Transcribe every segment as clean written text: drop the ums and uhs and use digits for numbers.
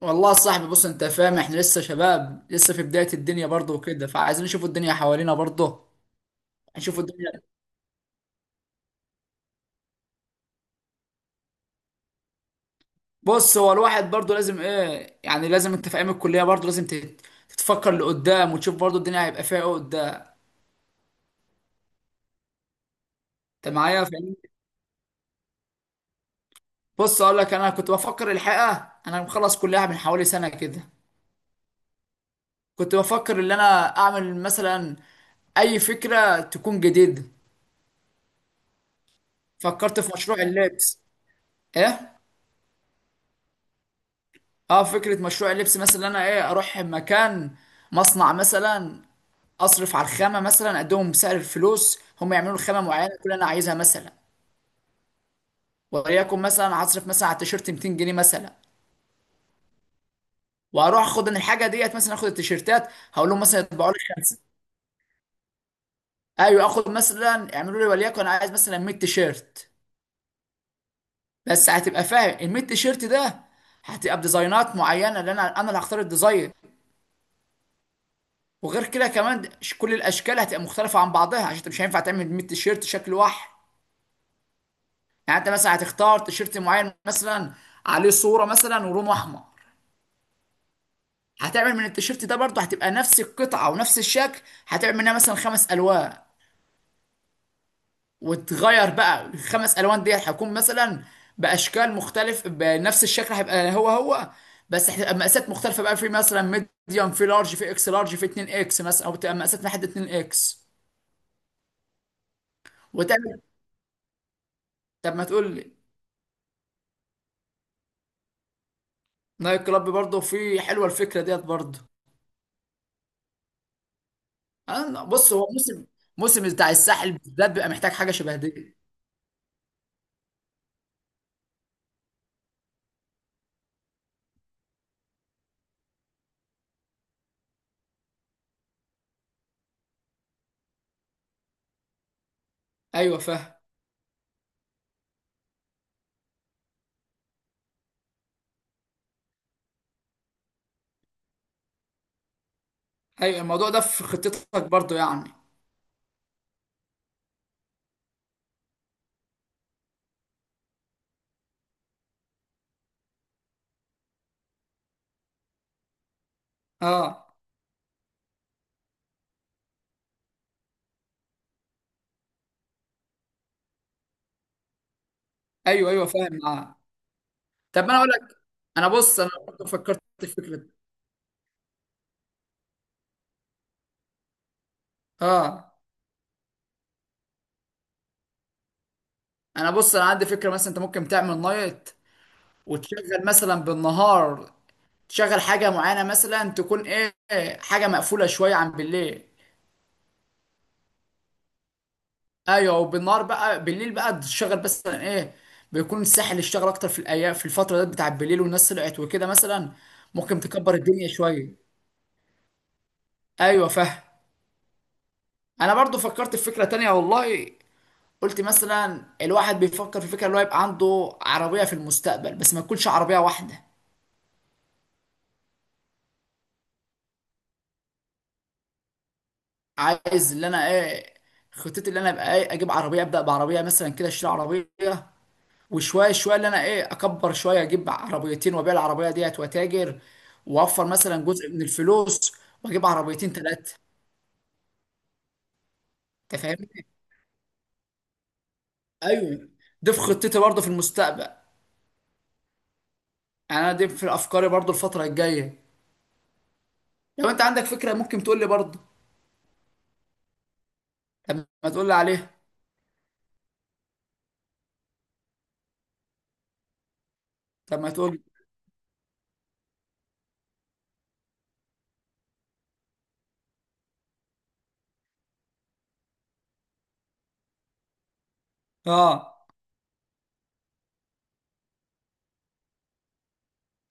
والله يا صاحبي، بص انت فاهم، احنا لسه شباب لسه في بداية الدنيا برضه وكده، فعايزين نشوف الدنيا حوالينا برضه. نشوف الدنيا. بص هو الواحد برضه لازم ايه، يعني لازم انت في ايام الكلية برضه لازم تتفكر لقدام، وتشوف برضه الدنيا هيبقى فيها ايه قدام. انت معايا فاهمني. بص اقول لك، انا كنت بفكر الحقيقة، انا مخلص كلية من حوالي سنة كده. كنت بفكر ان انا اعمل مثلا اي فكرة تكون جديدة. فكرت في مشروع اللبس. ايه. اه، فكرة مشروع اللبس مثلا إن انا ايه اروح مكان، مصنع مثلا، اصرف على الخامة مثلا، اديهم سعر الفلوس هم يعملوا خامة معينة كل انا عايزها مثلا. وليكن مثلا هصرف مثلا على التيشيرت 200 جنيه مثلا، واروح اخد ان الحاجة ديت مثلا، اخد التيشيرتات هقول لهم مثلا يطبعوا لي خمسة. ايوه اخد مثلا يعملوا لي وليكن انا عايز مثلا 100 تيشيرت. بس هتبقى فاهم ال 100 تيشيرت ده هتبقى بديزاينات معينة، لان انا اللي هختار الديزاين. وغير كده كمان، كل الاشكال هتبقى مختلفه عن بعضها، عشان انت مش هينفع تعمل 100 تيشيرت شكل واحد. يعني انت مثلا هتختار تيشيرت معين مثلا عليه صوره مثلا ولونه احمر، هتعمل من التيشيرت ده برضه هتبقى نفس القطعه ونفس الشكل، هتعمل منها مثلا خمس الوان. وتغير بقى الخمس الوان دي هتكون مثلا باشكال مختلف، بنفس الشكل هيبقى هو هو، بس هتبقى مقاسات مختلفه بقى، في مثلا ميديوم، في لارج، في اكس لارج، في 2 اكس مثلا، او تبقى مقاسات لحد 2 اكس. وتعمل. طب ما تقول لي. نايت كلاب برضه، في حلوه الفكره ديت برضه. بص هو موسم، موسم بتاع الساحل بالذات بيبقى محتاج حاجه شبه دي. ايوه فاهم. ايوه، الموضوع ده في خطتك برضه يعني. اه. ايوه ايوه فاهم معاه. طب ما انا اقول لك، انا بص انا برضه فكرت في فكره دي. اه. انا بص انا عندي فكره مثلا انت ممكن تعمل نايت وتشغل مثلا بالنهار، تشغل حاجه معينه مثلا تكون ايه، حاجه مقفوله شويه عن بالليل. ايوه، وبالنهار بقى بالليل بقى تشتغل مثلا ايه، بيكون الساحل اشتغل اكتر في الايام، في الفتره ديت بتاع بالليل والناس طلعت وكده مثلا، ممكن تكبر الدنيا شويه. ايوه فاهم. انا برضو فكرت في فكره تانية والله. قلت مثلا الواحد بيفكر في فكره اللي هو يبقى عنده عربيه في المستقبل، بس ما تكونش عربيه واحده. عايز اللي انا ايه، خطتي اللي انا ابقى ايه، اجيب عربيه، ابدا بعربيه مثلا كده، اشتري عربيه، وشويه شويه اللي انا ايه اكبر شويه، اجيب عربيتين وابيع العربيه ديت واتاجر، واوفر مثلا جزء من الفلوس، واجيب عربيتين ثلاثه. انت فاهمني. ايوه، دي في خطتي برضه في المستقبل، يعني انا دي في افكاري برضه الفتره الجايه. لو انت عندك فكره ممكن تقول لي برضه. طب ما تقول لي عليها. طب ما تقول لي. اه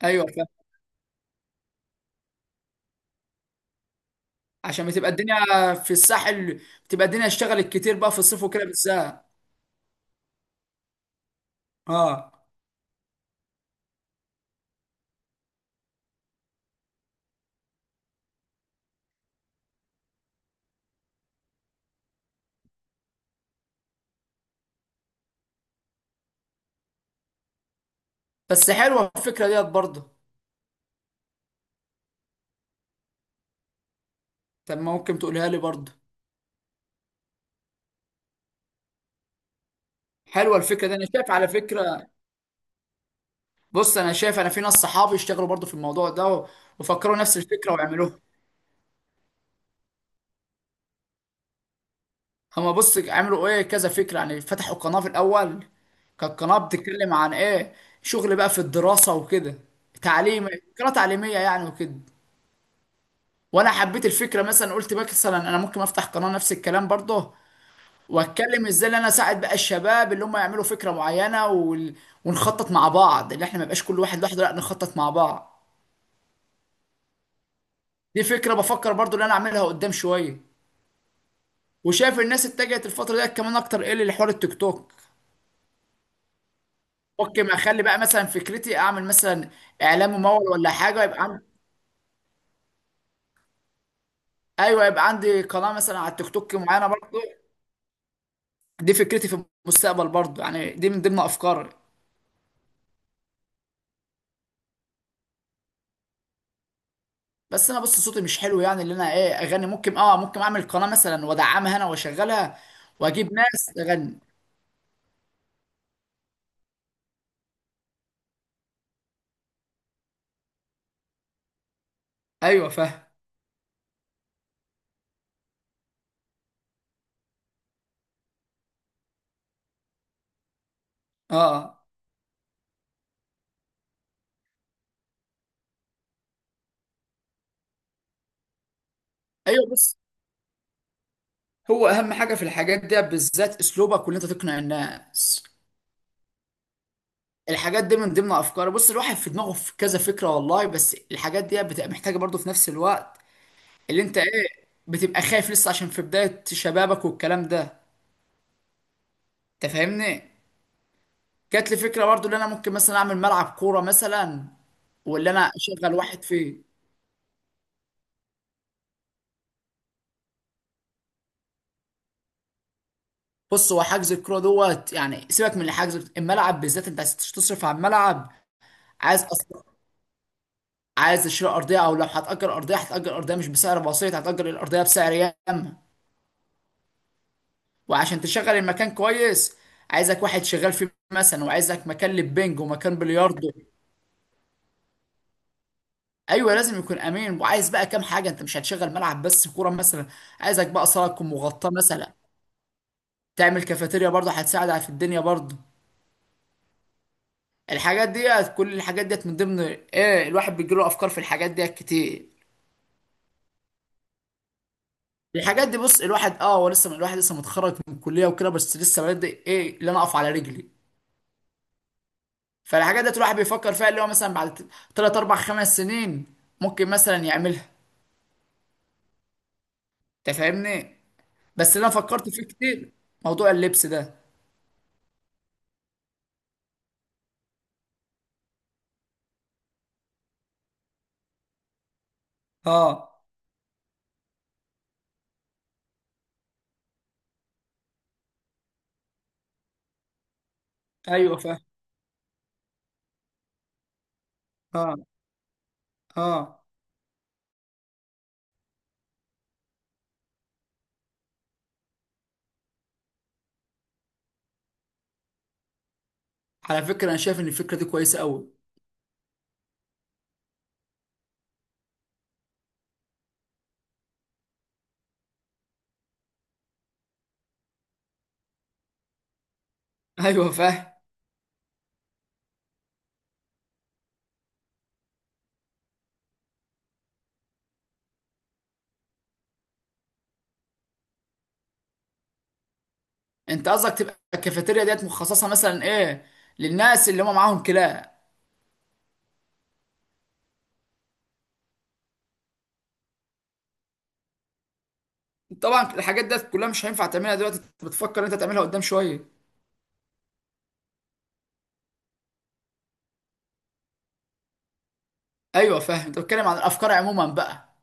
ايوه فاهم. عشان بتبقى الدنيا في الساحل، بتبقى الدنيا اشتغلت كتير بقى في الصيف وكده بالذات. اه. بس حلوه الفكره ديت برضه. طب ما ممكن تقولها لي برضه. حلوه الفكره دي، انا شايف على فكره. بص انا شايف، انا في ناس صحابي اشتغلوا برضو في الموضوع ده، وفكروا نفس الفكره وعملوها. هما بص عملوا ايه كذا فكره، يعني فتحوا قناه في الاول، كانت قناه بتتكلم عن ايه، شغل بقى في الدراسه وكده، تعليم، قناه تعليميه يعني وكده. وانا حبيت الفكره مثلا، قلت بقى مثلا انا ممكن افتح قناه نفس الكلام برضه. واتكلم ازاي ان انا اساعد بقى الشباب اللي هم يعملوا فكره معينه. ونخطط مع بعض، اللي احنا ما يبقاش كل واحد لوحده، لا نخطط مع بعض. دي فكره بفكر برضو ان انا اعملها قدام شويه. وشايف الناس اتجهت الفتره ديت كمان اكتر ايه لحوار التيك توك. ممكن اخلي بقى مثلا فكرتي اعمل مثلا اعلان ممول ولا حاجه يبقى عندي. ايوه، يبقى عندي قناه مثلا على التيك توك معينه برضو. دي فكرتي في المستقبل برضو، يعني دي من ضمن افكاري. بس انا بص صوتي مش حلو، يعني اللي انا ايه اغني، ممكن ممكن اعمل قناه مثلا وادعمها انا واشغلها، واجيب ناس تغني. ايوه فاهم. اه. آه. ايوه بص، هو اهم حاجه في الحاجات دي بالذات اسلوبك وان انت تقنع الناس. الحاجات دي من ضمن افكاري، بص الواحد في دماغه في كذا فكره والله، بس الحاجات دي بتبقى محتاجه برضه في نفس الوقت، اللي انت ايه بتبقى خايف لسه عشان في بدايه شبابك والكلام ده. انت فاهمني. جات لي فكره برضه ان انا ممكن مثلا اعمل ملعب كوره مثلا، واللي انا اشغل واحد فيه. بص هو حجز الكوره دوت، يعني سيبك من الحجز، الملعب بالذات انت عايز تصرف على الملعب. عايز اصلا. عايز تشتري ارضيه، او لو هتأجر ارضيه، هتأجر ارضيه مش بسعر بسيط، هتأجر الارضيه بسعر ياما. وعشان تشغل المكان كويس، عايزك واحد شغال فيه مثلا، وعايزك مكان للبنج ومكان بلياردو. ايوه لازم يكون امين. وعايز بقى كام حاجه، انت مش هتشغل ملعب بس كوره مثلا، عايزك بقى صاله تكون مغطاه مثلا، تعمل كافيتيريا برضه هتساعد على في الدنيا برضه. الحاجات ديت، كل الحاجات ديت من ضمن ايه، الواحد بيجيله افكار في الحاجات ديت كتير. الحاجات دي بص، الواحد اه هو لسه، الواحد لسه متخرج من الكليه وكده، بس لسه بادئ ايه اللي انا اقف على رجلي. فالحاجات ديت الواحد بيفكر فيها اللي هو مثلا بعد تلات أربع خمس سنين ممكن مثلا يعملها. أنت فاهمني. بس اللي أنا فكرت فيه كتير، موضوع اللبس ده. أه. أيوه فاهم. أه. أه. على فكرة أنا شايف إن الفكرة دي كويسة أوي. أيوه فاهم. أنت قصدك تبقى الكافيتيريا ديت مخصصة مثلا إيه، للناس اللي هم معاهم كلاب. طبعا الحاجات ديت كلها مش هينفع تعملها دلوقتي، أنت بتفكر أنت تعملها قدام شوية. أيوه فاهم، أنت بتتكلم عن الأفكار عموما بقى.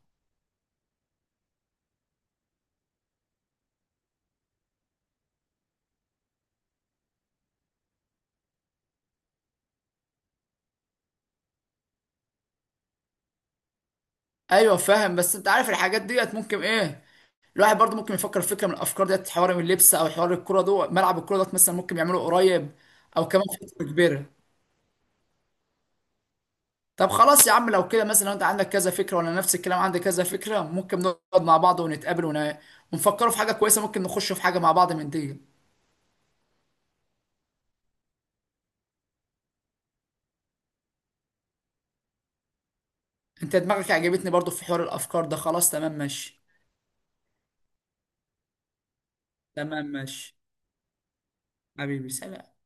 أيوه فاهم، بس أنت عارف الحاجات ديت ممكن إيه، الواحد برضه ممكن يفكر في فكره من الافكار ديت، حوار من اللبس او حوار الكوره ده، ملعب الكوره ده مثلا ممكن يعمله قريب، او كمان فتره كبيره. طب خلاص يا عم، لو كده مثلا لو انت عندك كذا فكره وانا نفس الكلام عندي كذا فكره، ممكن نقعد مع بعض ونتقابل ونفكروا في حاجه كويسه، ممكن نخش في حاجه مع بعض من دي. انت دماغك عجبتني برضه في حوار الافكار ده. خلاص تمام ماشي. تمام ماشي. حبيبي سلام.